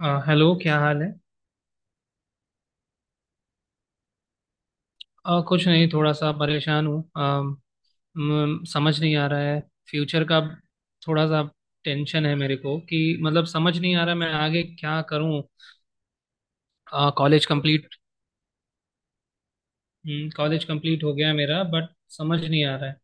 Hello, क्या हाल है? कुछ नहीं, थोड़ा सा परेशान हूँ। समझ नहीं आ रहा है फ्यूचर का। थोड़ा सा टेंशन है मेरे को कि मतलब समझ नहीं आ रहा मैं आगे क्या करूँ। College complete. कॉलेज कंप्लीट हो गया मेरा, बट समझ नहीं आ रहा है।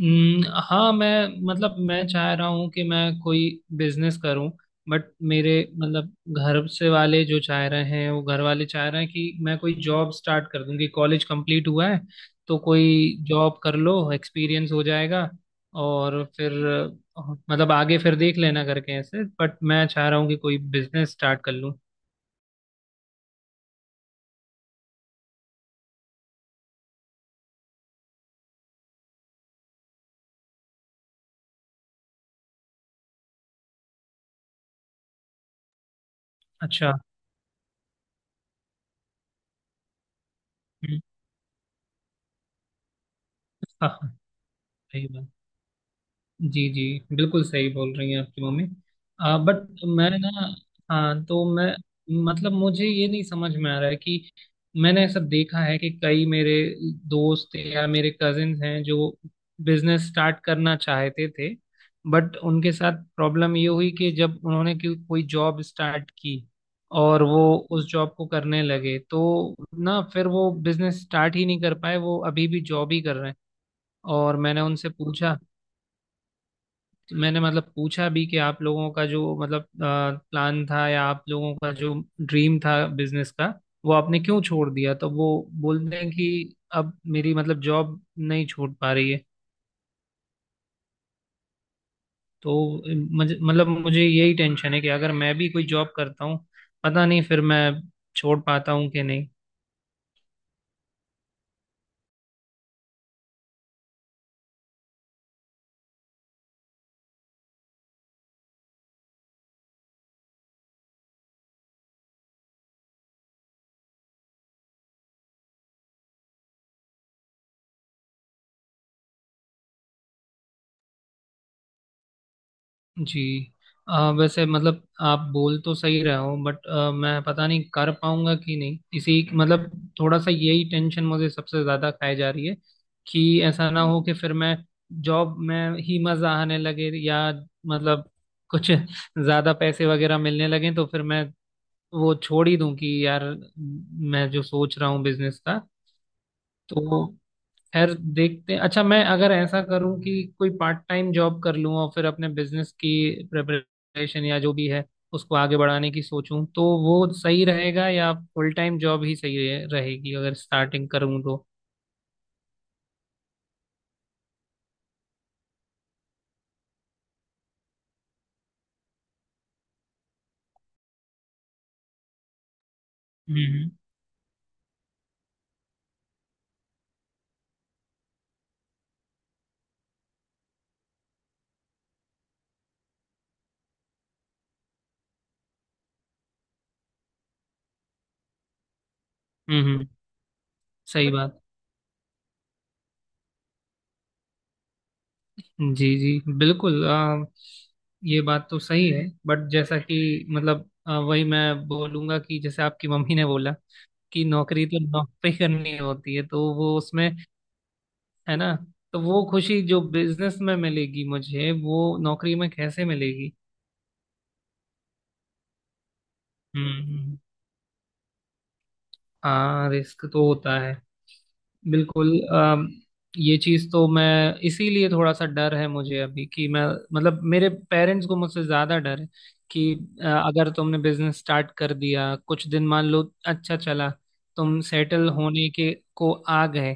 हम्म, हाँ, मैं चाह रहा हूँ कि मैं कोई बिजनेस करूँ। बट मेरे, मतलब, घर से वाले जो चाह रहे हैं, वो घर वाले चाह रहे हैं कि मैं कोई जॉब स्टार्ट कर दूँ कि कॉलेज कंप्लीट हुआ है, तो कोई जॉब कर लो, एक्सपीरियंस हो जाएगा। और फिर अ, मतलब आगे फिर देख लेना करके ऐसे, बट मैं चाह रहा हूँ कि कोई बिजनेस स्टार्ट कर लूँ। अच्छा। हम्म। हाँ, हाँ, सही बात। जी, जी, बिल्कुल सही बोल रही हैं आपकी मम्मी। बट मैं ना। हाँ, तो मैं, मुझे ये नहीं समझ में आ रहा है कि मैंने ऐसा देखा है कि कई मेरे दोस्त या मेरे कजिन्स हैं जो बिजनेस स्टार्ट करना चाहते थे, बट उनके साथ प्रॉब्लम ये हुई कि जब उन्होंने कोई कोई जॉब स्टार्ट की और वो उस जॉब को करने लगे तो ना फिर वो बिजनेस स्टार्ट ही नहीं कर पाए, वो अभी भी जॉब ही कर रहे हैं। और मैंने उनसे पूछा। मैंने, मतलब, पूछा भी कि आप लोगों का जो मतलब प्लान था या आप लोगों का जो ड्रीम था बिजनेस का, वो आपने क्यों छोड़ दिया? तो वो बोल रहे हैं कि अब मेरी, मतलब, जॉब नहीं छूट पा रही है। तो मुझे यही टेंशन है कि अगर मैं भी कोई जॉब करता हूँ, पता नहीं फिर मैं छोड़ पाता हूँ कि नहीं। जी। वैसे, मतलब, आप बोल तो सही रहे हो, बट मैं पता नहीं कर पाऊंगा कि नहीं। इसी, मतलब, थोड़ा सा यही टेंशन मुझे सबसे ज्यादा खाई जा रही है कि ऐसा ना हो कि फिर मैं जॉब में ही मजा आने लगे, या मतलब कुछ ज्यादा पैसे वगैरह मिलने लगे तो फिर मैं वो छोड़ ही दूं कि यार, मैं जो सोच रहा हूँ बिजनेस का। तो खैर, देखते हैं। अच्छा, मैं अगर ऐसा करूं कि कोई पार्ट टाइम जॉब कर लूं और फिर अपने बिजनेस की प्रिपरेशन या जो भी है, उसको आगे बढ़ाने की सोचूं, तो वो सही रहेगा या फुल टाइम जॉब ही सही रहेगी अगर स्टार्टिंग करूं तो? हम्म, हम्म। सही बात। जी, जी, बिल्कुल। ये बात तो सही है, बट जैसा कि मतलब वही मैं बोलूंगा कि जैसे आपकी मम्मी ने बोला कि नौकरी तो नौकरी करनी होती है, तो वो उसमें है ना। तो वो खुशी जो बिजनेस में मिलेगी मुझे, वो नौकरी में कैसे मिलेगी? हम्म। हाँ, रिस्क तो होता है, बिल्कुल। ये चीज तो मैं। इसीलिए थोड़ा सा डर है मुझे अभी कि मैं, मतलब, मेरे पेरेंट्स को मुझसे ज्यादा डर है कि अगर तुमने बिजनेस स्टार्ट कर दिया कुछ दिन, मान लो अच्छा चला, तुम सेटल होने के को आ गए,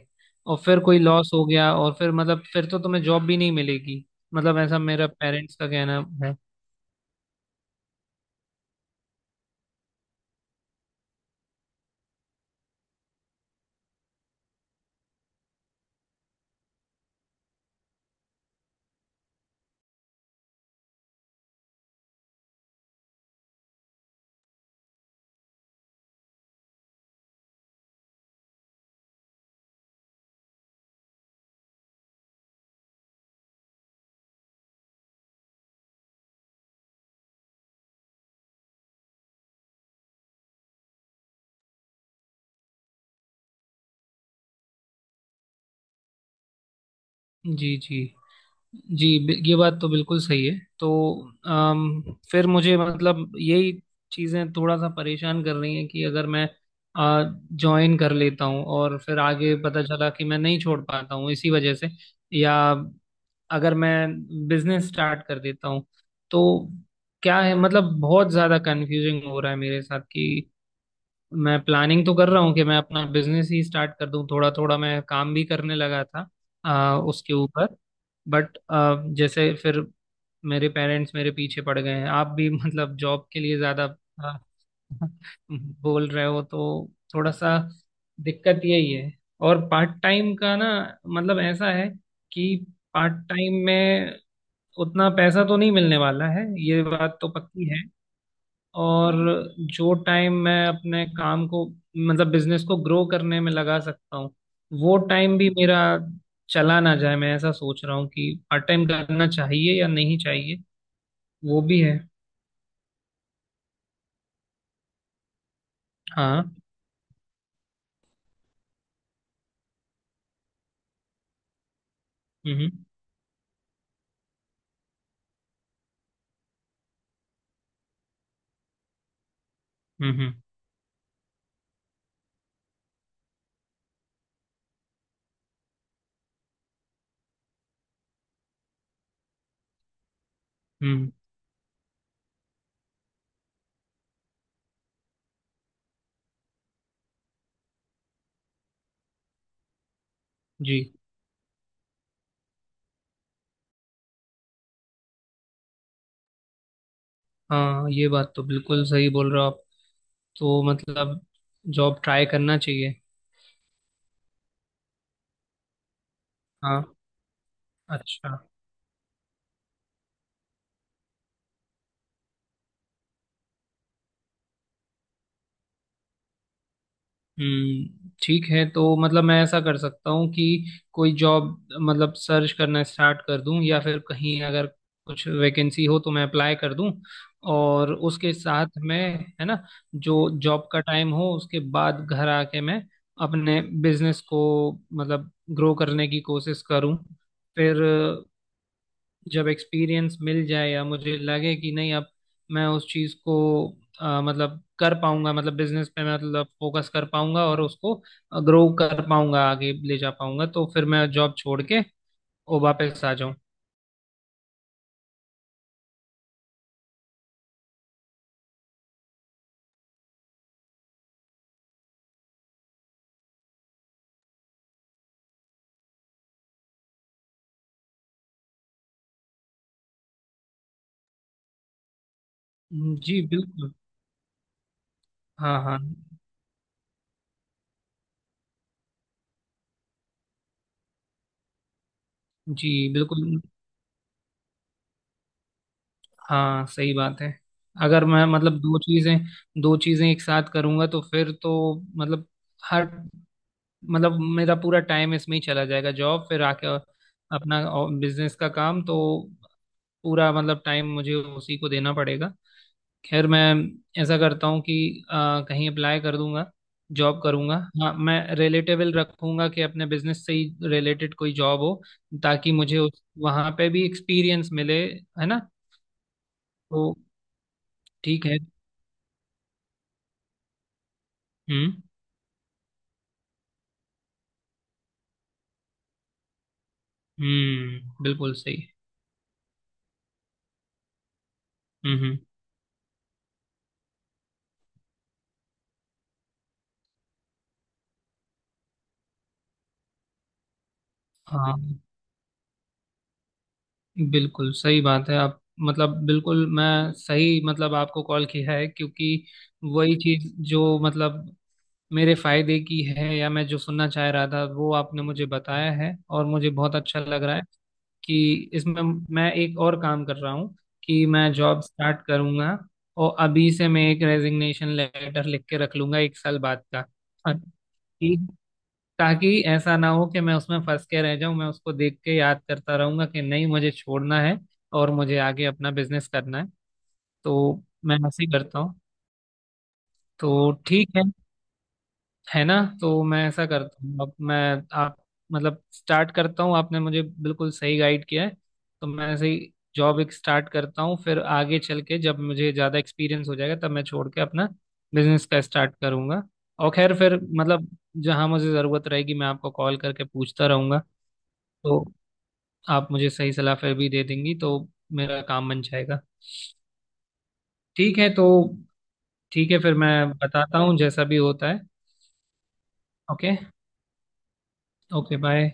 और फिर कोई लॉस हो गया, और फिर मतलब फिर तो तुम्हें जॉब भी नहीं मिलेगी। मतलब ऐसा मेरा पेरेंट्स का कहना है। जी। जी। ये बात तो बिल्कुल सही है। तो अम, फिर मुझे, मतलब, यही चीज़ें थोड़ा सा परेशान कर रही हैं कि अगर मैं ज्वाइन कर लेता हूँ और फिर आगे पता चला कि मैं नहीं छोड़ पाता हूँ इसी वजह से, या अगर मैं बिजनेस स्टार्ट कर देता हूँ तो क्या है। मतलब बहुत ज़्यादा कंफ्यूजिंग हो रहा है मेरे साथ कि मैं प्लानिंग तो कर रहा हूँ कि मैं अपना बिजनेस ही स्टार्ट कर दूँ, थोड़ा थोड़ा मैं काम भी करने लगा था उसके ऊपर। बट जैसे फिर मेरे पेरेंट्स मेरे पीछे पड़ गए हैं, आप भी मतलब जॉब के लिए ज्यादा अ, बोल रहे हो, तो थोड़ा सा दिक्कत यही है। और पार्ट टाइम का ना, मतलब ऐसा है कि पार्ट टाइम में उतना पैसा तो नहीं मिलने वाला है, ये बात तो पक्की है। और जो टाइम मैं अपने काम को, मतलब बिजनेस को ग्रो करने में लगा सकता हूँ, वो टाइम भी मेरा चला ना जाए। मैं ऐसा सोच रहा हूँ कि पार्ट टाइम करना चाहिए या नहीं चाहिए, वो भी है। हाँ। हम्म, हम्म, हम्म। जी। हाँ, ये बात तो बिल्कुल सही बोल रहे हो आप। तो मतलब जॉब ट्राई करना चाहिए। हाँ। अच्छा। हम्म। ठीक है, तो मतलब मैं ऐसा कर सकता हूँ कि कोई जॉब, मतलब सर्च करना स्टार्ट कर दूँ, या फिर कहीं अगर कुछ वैकेंसी हो तो मैं अप्लाई कर दूँ, और उसके साथ में, है ना, जो जॉब का टाइम हो उसके बाद घर आके मैं अपने बिजनेस को, मतलब ग्रो करने की कोशिश करूँ। फिर जब एक्सपीरियंस मिल जाए या मुझे लगे कि नहीं अब मैं उस चीज़ को मतलब कर पाऊंगा, मतलब बिजनेस पे मतलब फोकस कर पाऊंगा और उसको ग्रो कर पाऊंगा आगे ले जा पाऊंगा, तो फिर मैं जॉब छोड़ के वो वापस आ जाऊं। जी बिल्कुल। हाँ, हाँ। जी बिल्कुल। हाँ, सही बात है। अगर मैं, मतलब, दो चीज़ें एक साथ करूंगा तो फिर तो, मतलब, हर, मतलब, मेरा पूरा टाइम इसमें ही चला जाएगा। जॉब फिर आके, और अपना बिजनेस का काम तो पूरा, मतलब, टाइम मुझे उसी को देना पड़ेगा। खैर मैं ऐसा करता हूँ कि अ, कहीं अप्लाई कर दूंगा, जॉब करूंगा। हाँ, मैं रिलेटेबल रखूंगा कि अपने बिजनेस से ही रिलेटेड कोई जॉब हो, ताकि मुझे उस वहाँ पे भी एक्सपीरियंस मिले, है ना? तो ठीक है। हम्म, हम्म, बिल्कुल सही। हम्म, हम्म। हाँ, बिल्कुल सही बात है आप। मतलब बिल्कुल मैं सही, मतलब आपको कॉल किया है क्योंकि वही चीज जो, मतलब, मेरे फायदे की है, या मैं जो सुनना चाह रहा था वो आपने मुझे बताया है और मुझे बहुत अच्छा लग रहा है। कि इसमें मैं एक और काम कर रहा हूँ कि मैं जॉब स्टार्ट करूंगा और अभी से मैं एक रेजिग्नेशन लेटर लिख के रख लूंगा एक साल बाद का। हाँ, ताकि ऐसा ना हो कि मैं उसमें फंस के रह जाऊं, मैं उसको देख के याद करता रहूंगा कि नहीं मुझे छोड़ना है और मुझे आगे अपना बिजनेस करना है। तो मैं ऐसे ही करता हूँ। तो ठीक है ना? तो मैं ऐसा करता हूँ। अब मैं, आप, मतलब स्टार्ट करता हूँ। आपने मुझे बिल्कुल सही गाइड किया है। तो मैं ऐसे ही जॉब एक स्टार्ट करता हूँ, फिर आगे चल के जब मुझे ज़्यादा एक्सपीरियंस हो जाएगा तब मैं छोड़ के अपना बिजनेस का स्टार्ट करूंगा। और खैर, फिर मतलब जहाँ मुझे ज़रूरत रहेगी मैं आपको कॉल करके पूछता रहूंगा, तो आप मुझे सही सलाह फिर भी दे देंगी तो मेरा काम बन जाएगा। ठीक है। तो ठीक है, फिर मैं बताता हूँ जैसा भी होता है। ओके। Okay, bye.